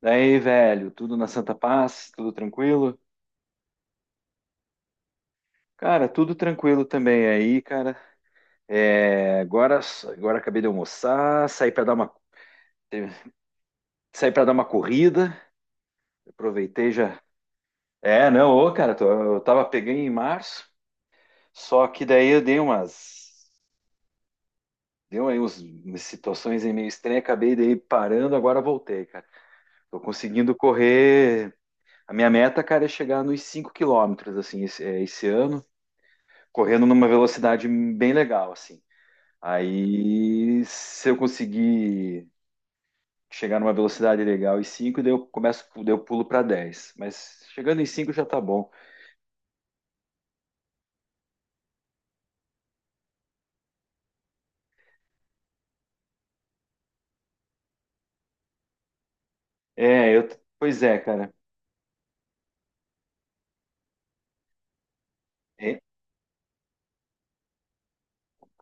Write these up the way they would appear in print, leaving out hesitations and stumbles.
Daí, velho, tudo na Santa Paz, tudo tranquilo? Cara, tudo tranquilo também aí, cara. É, agora, agora acabei de almoçar, saí para dar uma corrida, aproveitei já. É, não, ô, cara, eu tava pegando em março, só que daí eu dei umas, deu aí umas situações aí meio estranhas, acabei daí parando, agora voltei, cara. Tô conseguindo correr. A minha meta, cara, é chegar nos 5 km, assim, esse ano. Correndo numa velocidade bem legal, assim. Aí, se eu conseguir chegar numa velocidade legal em 5, daí eu pulo para 10. Mas chegando em 5 já tá bom. É, eu, pois é, cara. É,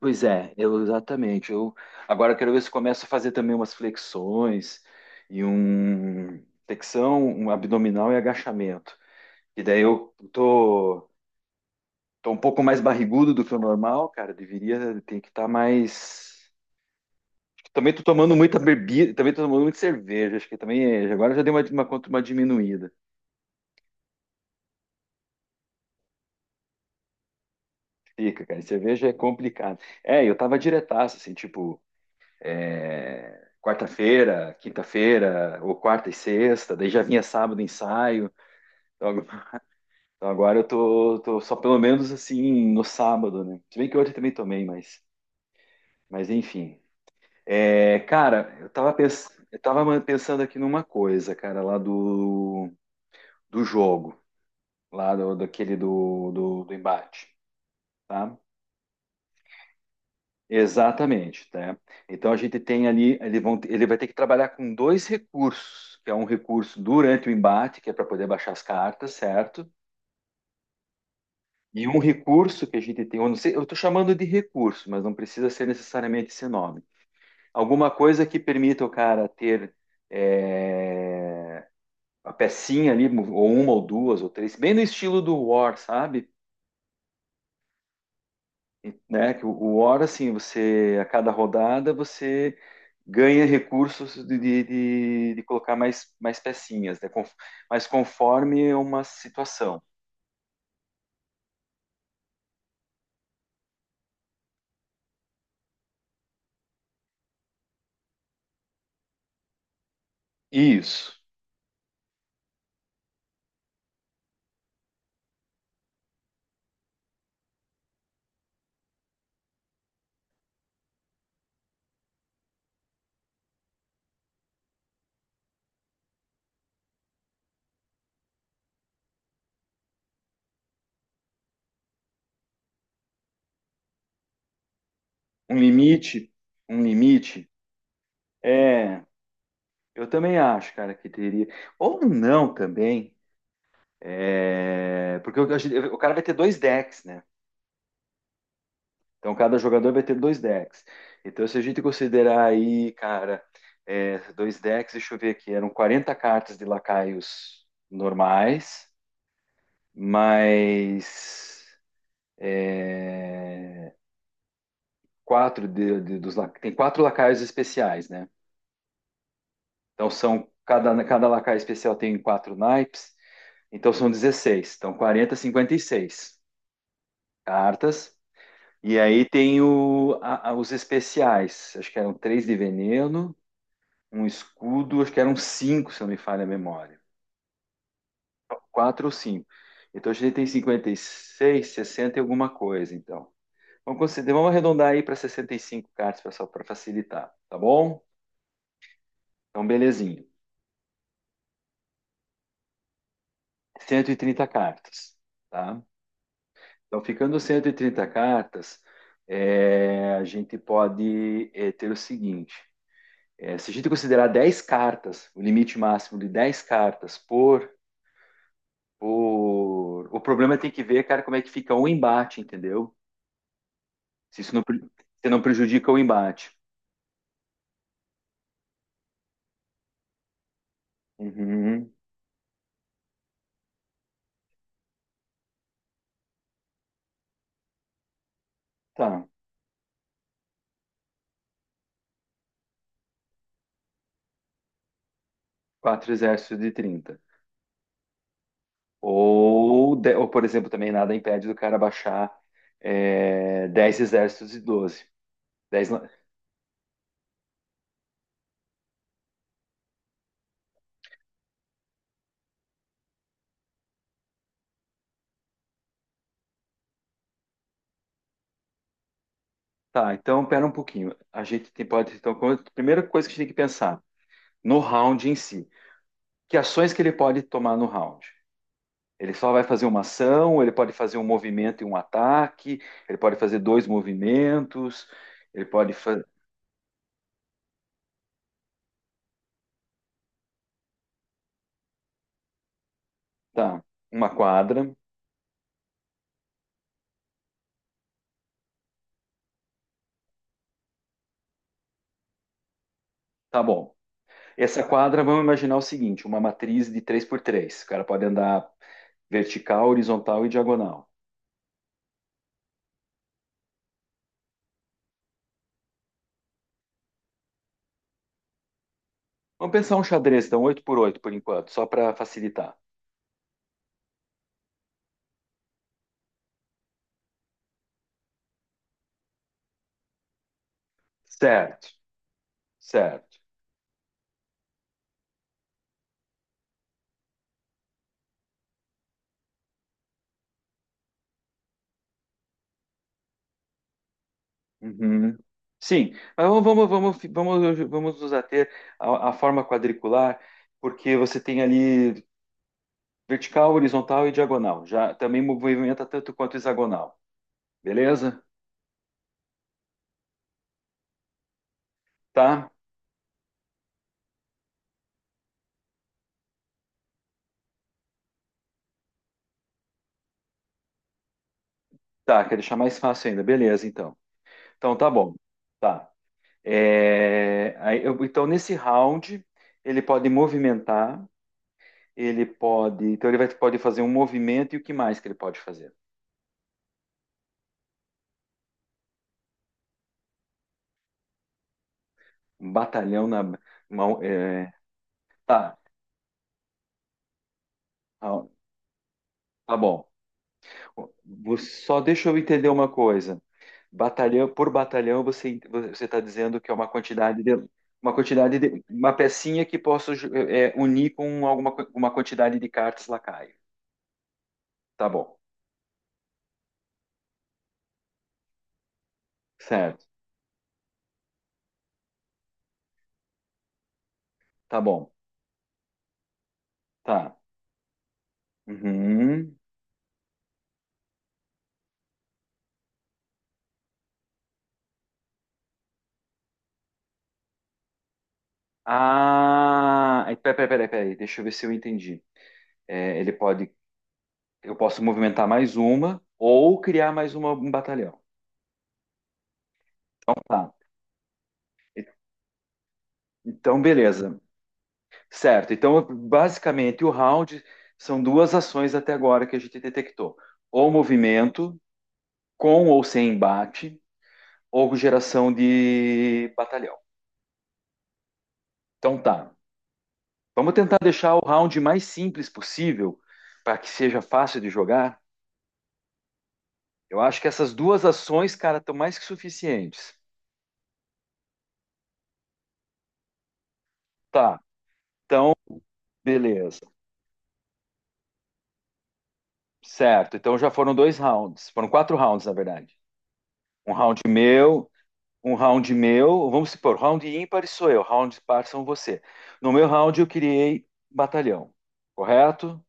pois é, exatamente. Eu quero ver se eu começo a fazer também umas flexões e um flexão, um abdominal e agachamento. E daí eu tô, tô um pouco mais barrigudo do que o normal, cara. Deveria, tem que estar mais. Também tô tomando muita bebida, também tô tomando muita cerveja, acho que agora já deu uma diminuída. Fica, cara, cerveja é complicado. Eu tava diretaço, assim, tipo, quarta-feira, quinta-feira, ou quarta e sexta, daí já vinha sábado ensaio. Então ag- então agora eu tô, tô só pelo menos assim no sábado, né? Se bem que ontem também tomei, mas enfim. É, cara, eu tava pensando aqui numa coisa, cara, do jogo. Lá do, daquele do, do, do embate, tá? Exatamente, tá? Então a gente tem ali, ele vai ter que trabalhar com dois recursos, que é um recurso durante o embate, que é para poder baixar as cartas, certo? E um recurso que a gente tem, eu não sei, eu estou chamando de recurso, mas não precisa ser necessariamente esse nome. Alguma coisa que permita o cara ter é, a pecinha ali, ou uma ou duas ou três, bem no estilo do War, sabe? E, né, o War, assim, você, a cada rodada, você ganha recursos de colocar mais, mais pecinhas, mas conforme uma situação. Isso. Um limite, um limite. É, eu também acho, cara, que teria. Ou não também, é, porque o cara vai ter dois decks, né? Então, cada jogador vai ter dois decks. Então, se a gente considerar aí, cara, é, dois decks, deixa eu ver aqui, eram 40 cartas de lacaios normais, mais é, quatro tem 4 lacaios especiais, né? Então, são, cada, cada lacaio especial tem 4 naipes, então são 16. Então, 40, 56 cartas. E aí tem os especiais, acho que eram três de veneno, um escudo, acho que eram cinco, se não me falha a memória. Quatro ou cinco. Então a gente tem 56, 60 e alguma coisa, então. Considerar, vamos arredondar aí para 65 cartas, pessoal, para facilitar, tá bom? Então, belezinha. 130 cartas, tá? Então, ficando 130 cartas, é, a gente pode é, ter o seguinte: é, se a gente considerar 10 cartas, o limite máximo de 10 cartas por. O problema é tem que ver, cara, como é que fica o embate, entendeu? Se isso não, pre- se não prejudica o embate. Uhum, tá. Quatro exércitos de 30. Ou, por exemplo, também nada impede do cara baixar é, 10 exércitos de 12, 10 lan- tá, então pera um pouquinho. A gente tem- pode. Então, primeira coisa que a gente tem que pensar no round em si. Que ações que ele pode tomar no round? Ele só vai fazer uma ação, ele pode fazer um movimento e um ataque, ele pode fazer dois movimentos, ele pode fazer. Tá, uma quadra. Tá bom. Essa quadra, vamos imaginar o seguinte: uma matriz de três por três. O cara pode andar vertical, horizontal e diagonal. Vamos pensar um xadrez, então, oito por oito por enquanto, só para facilitar. Certo, certo. Uhum. Sim, mas vamos nos ater à, à forma quadricular, porque você tem ali vertical, horizontal e diagonal. Já também movimenta tanto quanto hexagonal. Beleza? Tá? Tá, quer deixar mais fácil ainda. Beleza, então. Então tá bom. Tá. É, então, nesse round, ele pode movimentar, ele pode. Então, pode fazer um movimento e o que mais que ele pode fazer? Um batalhão na mão. É, tá. Tá tá bom. Você, só deixa eu entender uma coisa. Batalhão por batalhão, você está dizendo que é uma quantidade de uma pecinha que unir com uma quantidade de cartas lacaio. Tá bom, certo? Tá bom, tá. Uhum. Ah, é, peraí, deixa eu ver se eu entendi. É, ele pode, eu posso movimentar mais uma ou criar mais uma, um batalhão. Tá. Então, beleza. Certo, então basicamente o round são duas ações até agora que a gente detectou: ou movimento, com ou sem embate, ou geração de batalhão. Então tá, vamos tentar deixar o round mais simples possível para que seja fácil de jogar. Eu acho que essas duas ações, cara, estão mais que suficientes. Tá, beleza. Certo, então já foram dois rounds, foram quatro rounds na verdade. Um round meu, Um round meu, vamos supor, round ímpar sou eu, round par são você. No meu round eu criei batalhão, correto?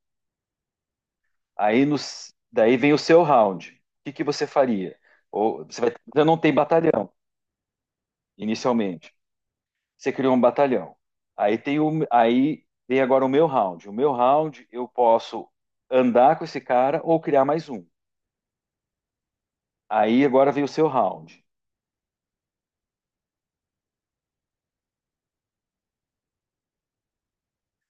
Daí vem o seu round. O que que você faria? Você não tem batalhão inicialmente. Você criou um batalhão. Aí vem agora o meu round. O meu round eu posso andar com esse cara ou criar mais um. Aí agora vem o seu round.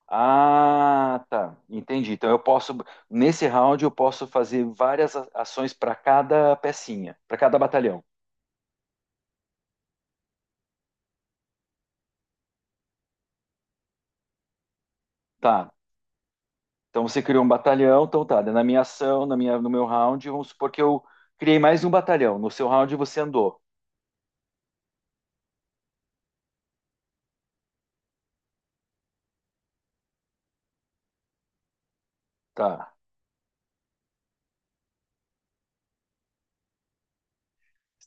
Ah, tá. Entendi. Então eu posso, nesse round, eu posso fazer várias ações para cada pecinha, para cada batalhão. Tá. Então você criou um batalhão, então tá. Na minha ação, na minha, no meu round, vamos supor que eu criei mais um batalhão. No seu round você andou. Tá.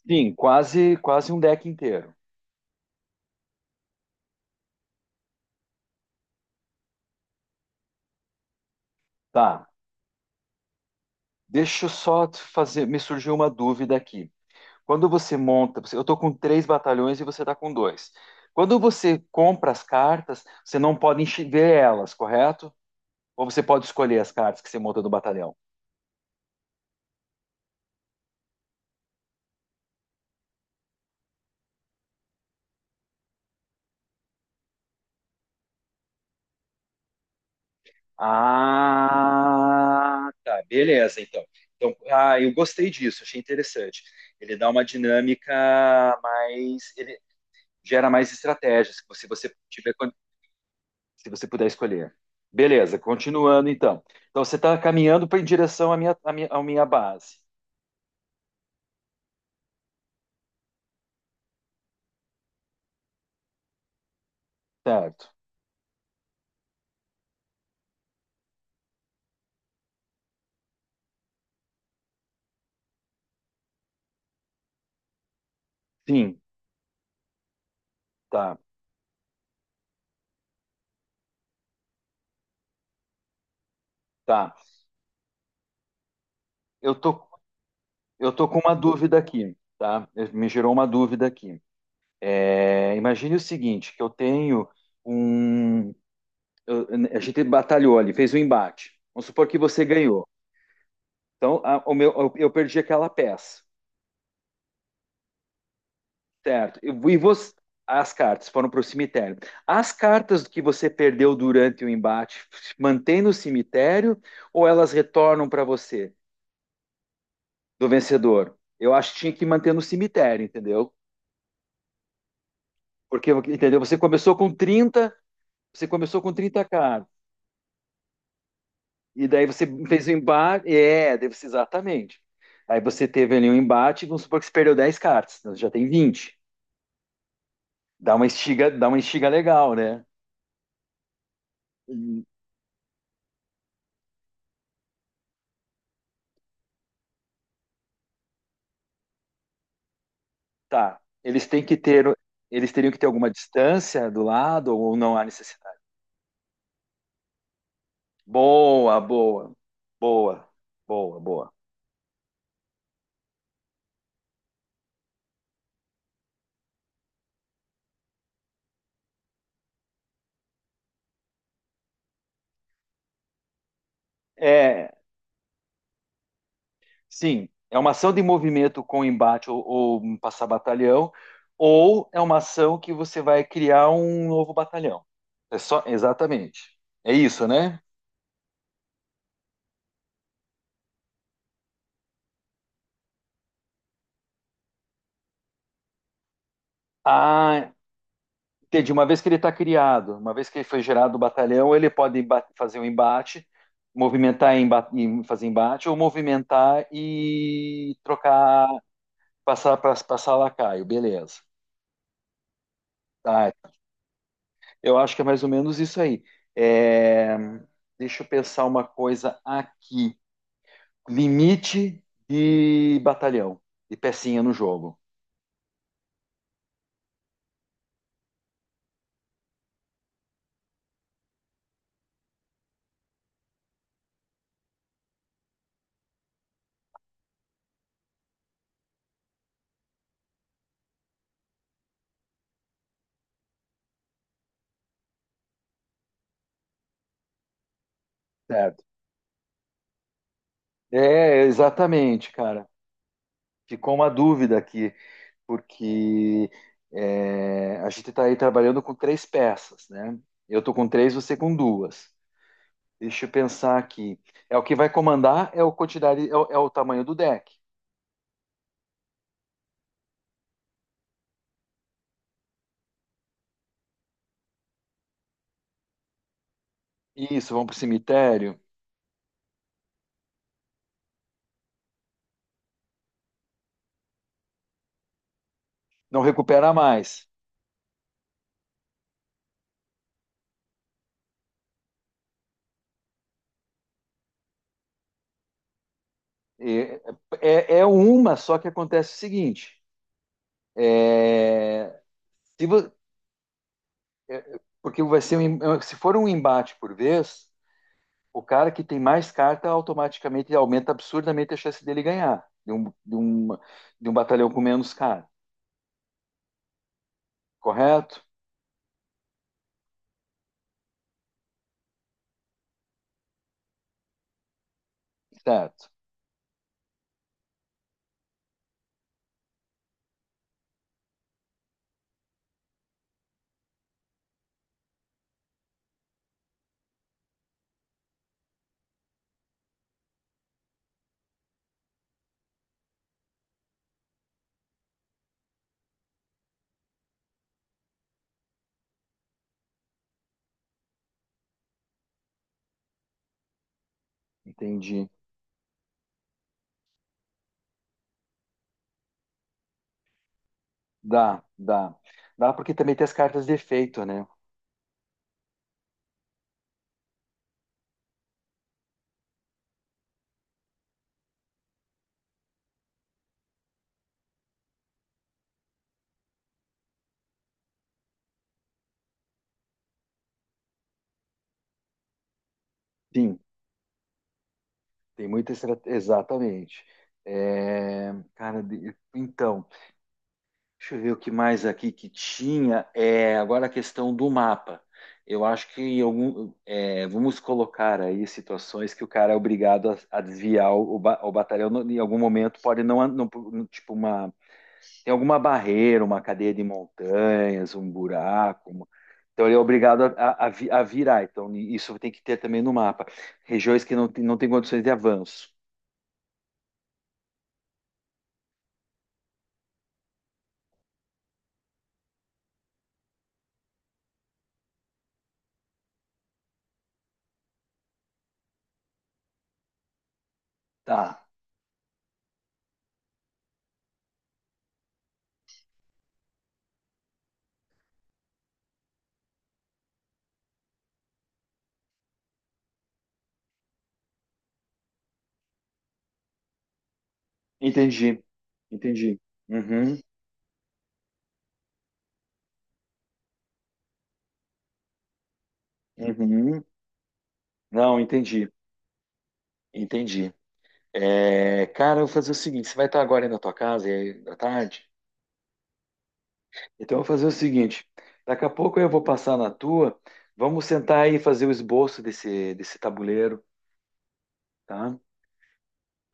Sim, quase, quase um deck inteiro. Tá. Deixa eu só te fazer, me surgiu uma dúvida aqui. Quando você monta, eu estou com três batalhões e você está com dois. Quando você compra as cartas, você não pode ver elas, correto? Ou você pode escolher as cartas que você monta do batalhão? Ah, tá, beleza, então. Então, ah, eu gostei disso, achei interessante. Ele dá uma dinâmica mais, ele gera mais estratégias, se você tiver, se você puder escolher. Beleza, continuando então. Então você está caminhando em direção à minha base, certo? Sim. Tá, tá. Eu tô, eu tô com uma dúvida aqui, tá? Me gerou uma dúvida aqui. É, imagine o seguinte, que eu tenho um... eu- a gente batalhou ali, fez um embate. Vamos supor que você ganhou. Então, eu perdi aquela peça, certo? E você, as cartas foram para o cemitério. As cartas que você perdeu durante o embate, mantém no cemitério ou elas retornam para você, do vencedor? Eu acho que tinha que manter no cemitério, entendeu? Porque, entendeu? Você começou com 30K e daí você fez o embate, é, deve ser exatamente. Aí você teve ali um embate, vamos supor que você perdeu 10 cartas, então você já tem 20. Dá uma estiga legal, né? E, tá. Eles têm que ter, eles teriam que ter alguma distância do lado ou não há necessidade. Boa, boa, boa, boa, boa. É, sim, é uma ação de movimento com embate ou um passar batalhão, ou é uma ação que você vai criar um novo batalhão. É só, exatamente. É isso, né? Ah, entendi. Uma vez que ele está criado, uma vez que ele foi gerado o batalhão, ele pode fazer um embate, movimentar e fazer embate, ou movimentar e trocar, passar lacaio, beleza. Tá, eu acho que é mais ou menos isso aí. É, deixa eu pensar uma coisa aqui. Limite de batalhão, de pecinha no jogo. Certo. É, exatamente, cara. Ficou uma dúvida aqui, porque é, a gente está aí trabalhando com três peças, né? Eu tô com três, você com duas. Deixa eu pensar aqui. É o que vai comandar é o quantidade, é é o tamanho do deck. Isso, vamos pro cemitério. Não recupera mais. É, é uma, só que acontece o seguinte: é, se vo- é, porque vai ser um se for um embate por vez, o cara que tem mais carta automaticamente aumenta absurdamente a chance dele ganhar de um batalhão com menos cara, correto? Certo, entendi. Dá, dá. Dá porque também tem as cartas de efeito, né? Sim, tem muita estratégia. Exatamente. Então. Deixa eu ver o que mais aqui que tinha. É, agora a questão do mapa. Eu acho que em algum, é, vamos colocar aí situações que o cara é obrigado a desviar o batalhão em algum momento. Pode não, não- tipo uma, tem alguma barreira, uma cadeia de montanhas, um buraco, então ele é obrigado a, a virar. Então isso tem que ter também no mapa. Regiões que não, não tem condições de avanço. Tá, entendi, entendi. Uhum, uhum. Não, entendi. Entendi. É, cara, eu vou fazer o seguinte: você vai estar agora aí na tua casa, aí à tarde? Então eu vou fazer o seguinte: daqui a pouco eu vou passar na tua, vamos sentar aí e fazer o esboço desse tabuleiro, tá?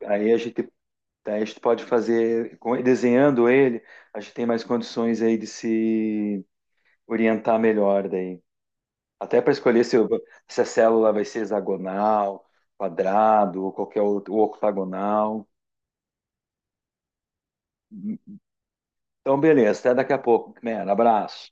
Aí a gente, aí a gente pode fazer, desenhando ele, a gente tem mais condições aí de se orientar melhor daí. Até para escolher se a célula vai ser hexagonal, quadrado ou qualquer outro, ou octagonal. Então, beleza, até daqui a pouco, man. Abraço.